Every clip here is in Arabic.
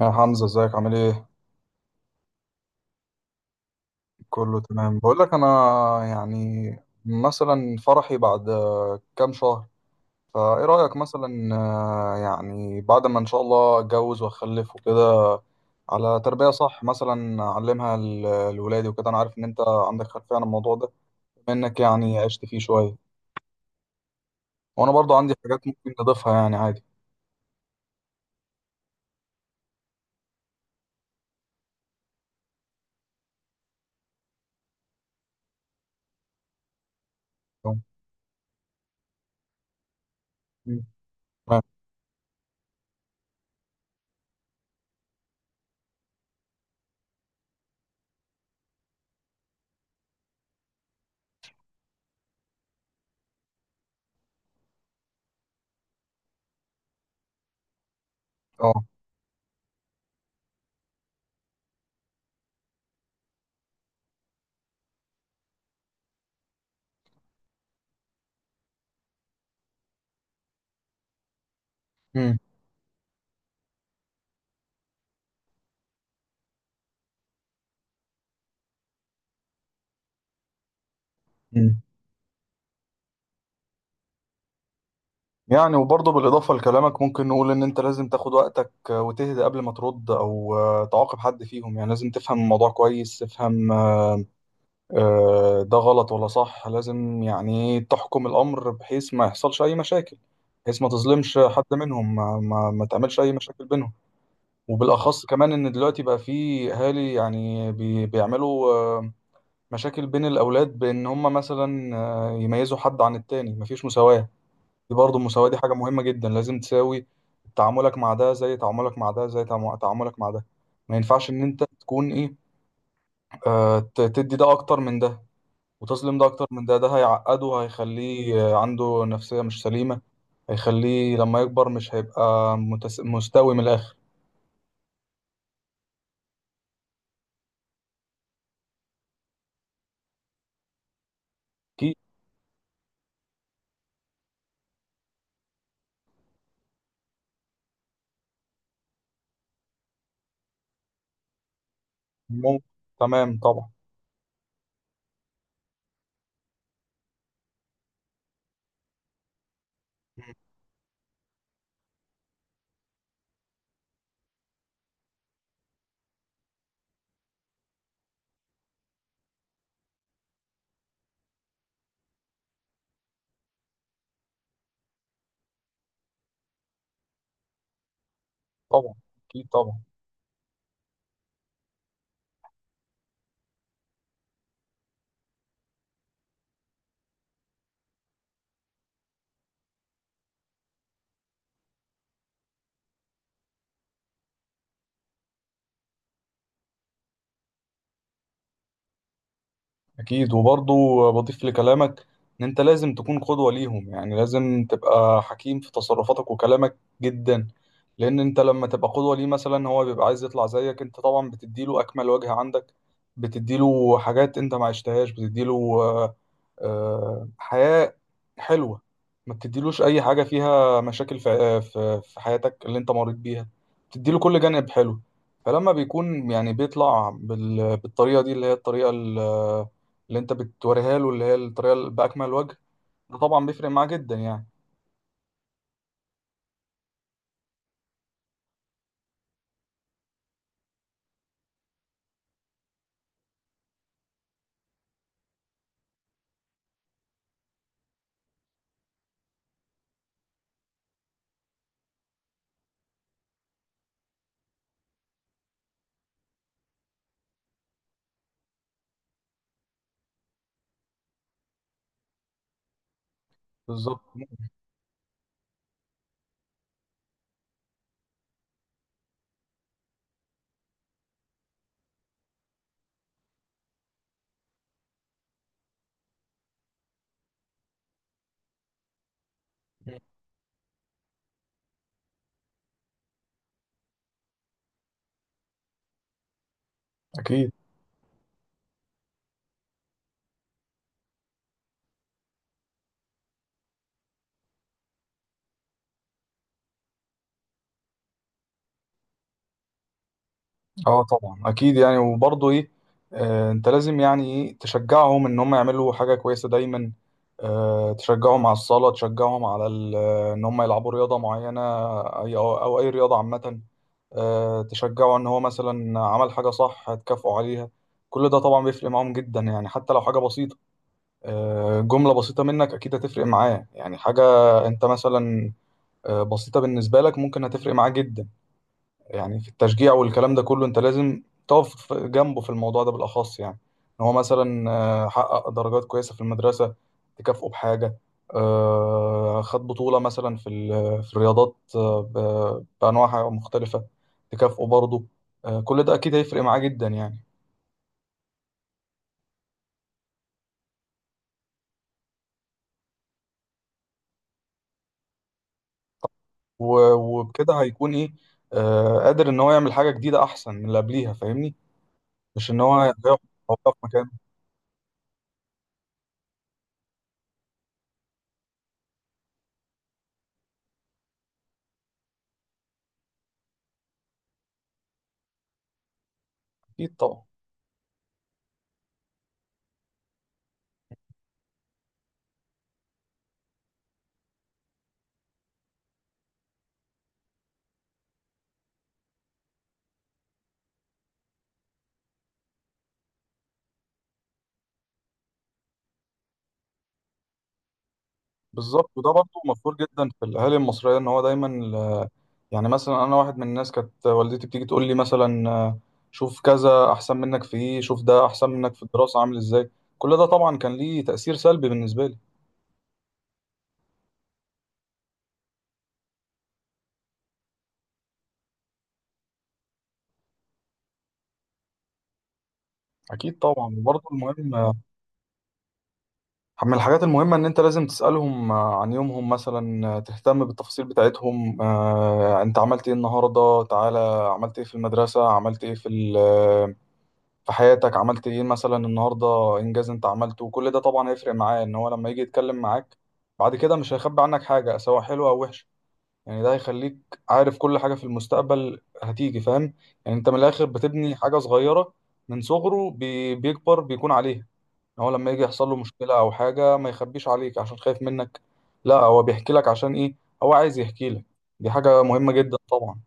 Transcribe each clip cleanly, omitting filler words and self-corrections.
يا حمزة، ازيك عامل ايه؟ كله تمام. بقول لك انا، يعني مثلا فرحي بعد كام شهر. فايه رأيك مثلا، يعني بعد ما ان شاء الله اتجوز واخلف وكده، على تربية صح. مثلا اعلمها لولادي وكده. انا عارف ان انت عندك خلفية عن الموضوع ده، بما انك يعني عشت فيه شوية. وانا برضو عندي حاجات ممكن نضيفها يعني عادي. اه. مم. تمام. اه. مم. مم. يعني وبرضه بالإضافة لكلامك ممكن نقول إن أنت لازم تاخد وقتك، وتهدى قبل ما ترد، أو تعاقب حد فيهم. يعني لازم تفهم الموضوع كويس، تفهم ده غلط ولا صح. لازم يعني إيه، تحكم الأمر بحيث ما يحصلش أي مشاكل، بحيث ما تظلمش حد منهم، ما تعملش أي مشاكل بينهم. وبالأخص كمان إن دلوقتي بقى في أهالي يعني بيعملوا مشاكل بين الأولاد، بإن هم مثلا يميزوا حد عن التاني، مفيش مساواة. دي برضه المساواة دي حاجة مهمة جدا. لازم تساوي تعاملك مع ده زي تعاملك مع ده، زي تعاملك مع ده. ما ينفعش إن أنت تكون إيه، آه تدي ده أكتر من ده، وتظلم ده أكتر من ده. ده هيعقده، هيخليه عنده نفسية مش سليمة. هيخليه لما يكبر مش هيبقى مستوي من الآخر. أكيد. ممكن. تمام طبعا. مم. طبعا. أكيد طبعا. أكيد. وبرضه بضيف لكلامك، إن أنت لازم تكون قدوة ليهم. يعني لازم تبقى حكيم في تصرفاتك وكلامك جدا. لأن أنت لما تبقى قدوة ليه، مثلا هو بيبقى عايز يطلع زيك. أنت طبعا بتديله أكمل وجه عندك، بتديله حاجات أنت ما عشتهاش، بتديله حياة حلوة. ما بتديلوش أي حاجة فيها مشاكل في آه، في في حياتك اللي أنت مريت بيها. بتديله كل جانب حلو. فلما بيكون يعني بيطلع بالطريقة دي، اللي هي الطريقة اللي أنت بتوريها له، اللي هي الطريقة اللي بأكمل وجه. ده طبعا بيفرق معاه جدا يعني. بالظبط. أكيد. اه طبعا اكيد. يعني وبرضه ايه، انت لازم يعني ايه تشجعهم ان هم يعملوا حاجه كويسه دايما. تشجعهم على الصلاه، تشجعهم على ان هم يلعبوا رياضه معينه، اي أو اي رياضه عامه. تشجعه ان هو مثلا عمل حاجه صح هتكافئه عليها. كل ده طبعا بيفرق معاهم جدا يعني، حتى لو حاجه بسيطه، جمله بسيطه منك اكيد هتفرق معاه. يعني حاجه انت مثلا بسيطه بالنسبه لك ممكن هتفرق معاه جدا. يعني في التشجيع والكلام ده كله انت لازم تقف جنبه في الموضوع ده بالاخص. يعني ان هو مثلا حقق درجات كويسه في المدرسه تكافئه بحاجه. خد بطوله مثلا في في الرياضات، بانواعها مختلفه، تكافئه برضه. كل ده اكيد هيفرق معاه جدا يعني. و- وبكده هيكون ايه، قادر ان هو يعمل حاجه جديده احسن من اللي قبليها. فاهمني؟ مش ان هو هيقف، هيقف مكانه. اكيد طبعا. بالظبط. وده برضه مفروض جدا في الاهالي المصريه ان هو دايما. يعني مثلا انا واحد من الناس كانت والدتي بتيجي تقول لي مثلا شوف كذا احسن منك في ايه، شوف ده احسن منك في الدراسه عامل ازاي. كل ده طبعا كان ليه تاثير سلبي بالنسبه لي. اكيد طبعا. وبرضه المهم من الحاجات المهمه ان انت لازم تسالهم عن يومهم. مثلا تهتم بالتفاصيل بتاعتهم. انت عملت ايه النهارده؟ تعالى، عملت ايه في المدرسه؟ عملت ايه في في حياتك؟ عملت ايه مثلا النهارده، انجاز انت عملته؟ وكل ده طبعا هيفرق معاه ان هو لما يجي يتكلم معاك بعد كده مش هيخبي عنك حاجه، سواء حلوه او وحشه. يعني ده هيخليك عارف كل حاجه في المستقبل هتيجي، فاهم؟ يعني انت من الاخر بتبني حاجه صغيره من صغره، بيكبر بيكون عليها. ان هو لما يجي يحصل له مشكله او حاجه ما يخبيش عليك عشان خايف منك، لا هو بيحكي لك. عشان ايه؟ هو عايز يحكي لك. دي حاجه مهمه جدا طبعا.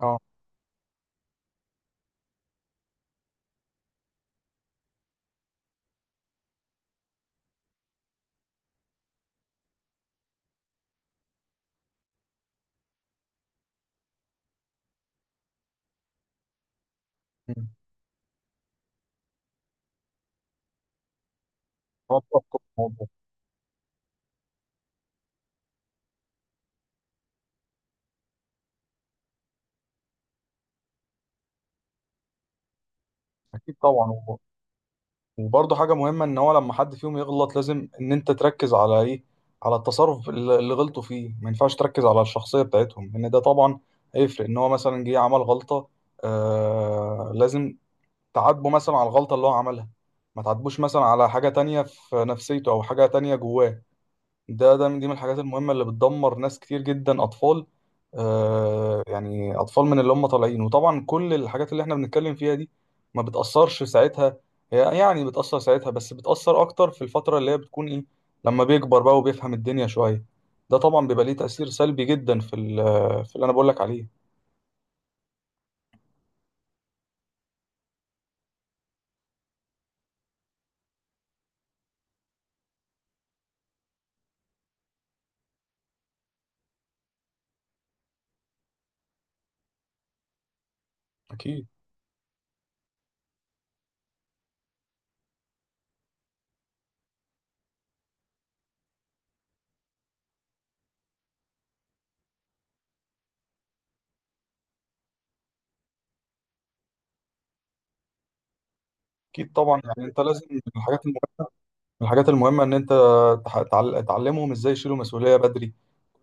اه. مم. هو بيفكر في الموضوع. اكيد طبعا. وبرضه حاجة مهمة، إن هو لما حد فيهم يغلط لازم إن أنت تركز على إيه؟ على التصرف اللي غلطوا فيه. ما ينفعش تركز على الشخصية بتاعتهم. إن ده طبعا هيفرق. إن هو مثلا جه عمل غلطة، لازم تعاتبه مثلا على الغلطة اللي هو عملها، ما تعاتبوش مثلا على حاجة تانية في نفسيته أو حاجة تانية جواه. دي من الحاجات المهمة اللي بتدمر ناس كتير جدا، أطفال. يعني أطفال من اللي هم طالعين. وطبعا كل الحاجات اللي احنا بنتكلم فيها دي ما بتأثرش ساعتها. هي يعني بتأثر ساعتها، بس بتأثر أكتر في الفترة اللي هي بتكون إيه، لما بيكبر بقى وبيفهم الدنيا شوية. ده طبعا بيبقى ليه تأثير سلبي جدا في في اللي أنا بقول لك عليه. أكيد. أكيد طبعا. يعني أنت لازم من الحاجات المهمة، من الحاجات المهمة إن أنت تعلمهم إزاي يشيلوا مسؤولية بدري.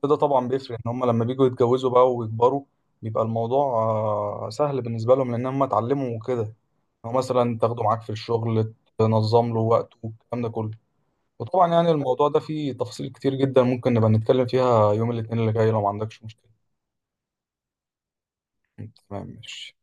ده طبعا بيفرق ان هم لما بيجوا يتجوزوا بقى ويكبروا، بيبقى الموضوع سهل بالنسبه لهم لان هم اتعلموا وكده. هو مثلا تاخده معاك في الشغل تنظم له وقته والكلام ده كله. وطبعا يعني الموضوع ده فيه تفاصيل كتير جدا ممكن نبقى نتكلم فيها يوم الاثنين اللي جاي، لو ما عندكش مشكله. تمام ماشي.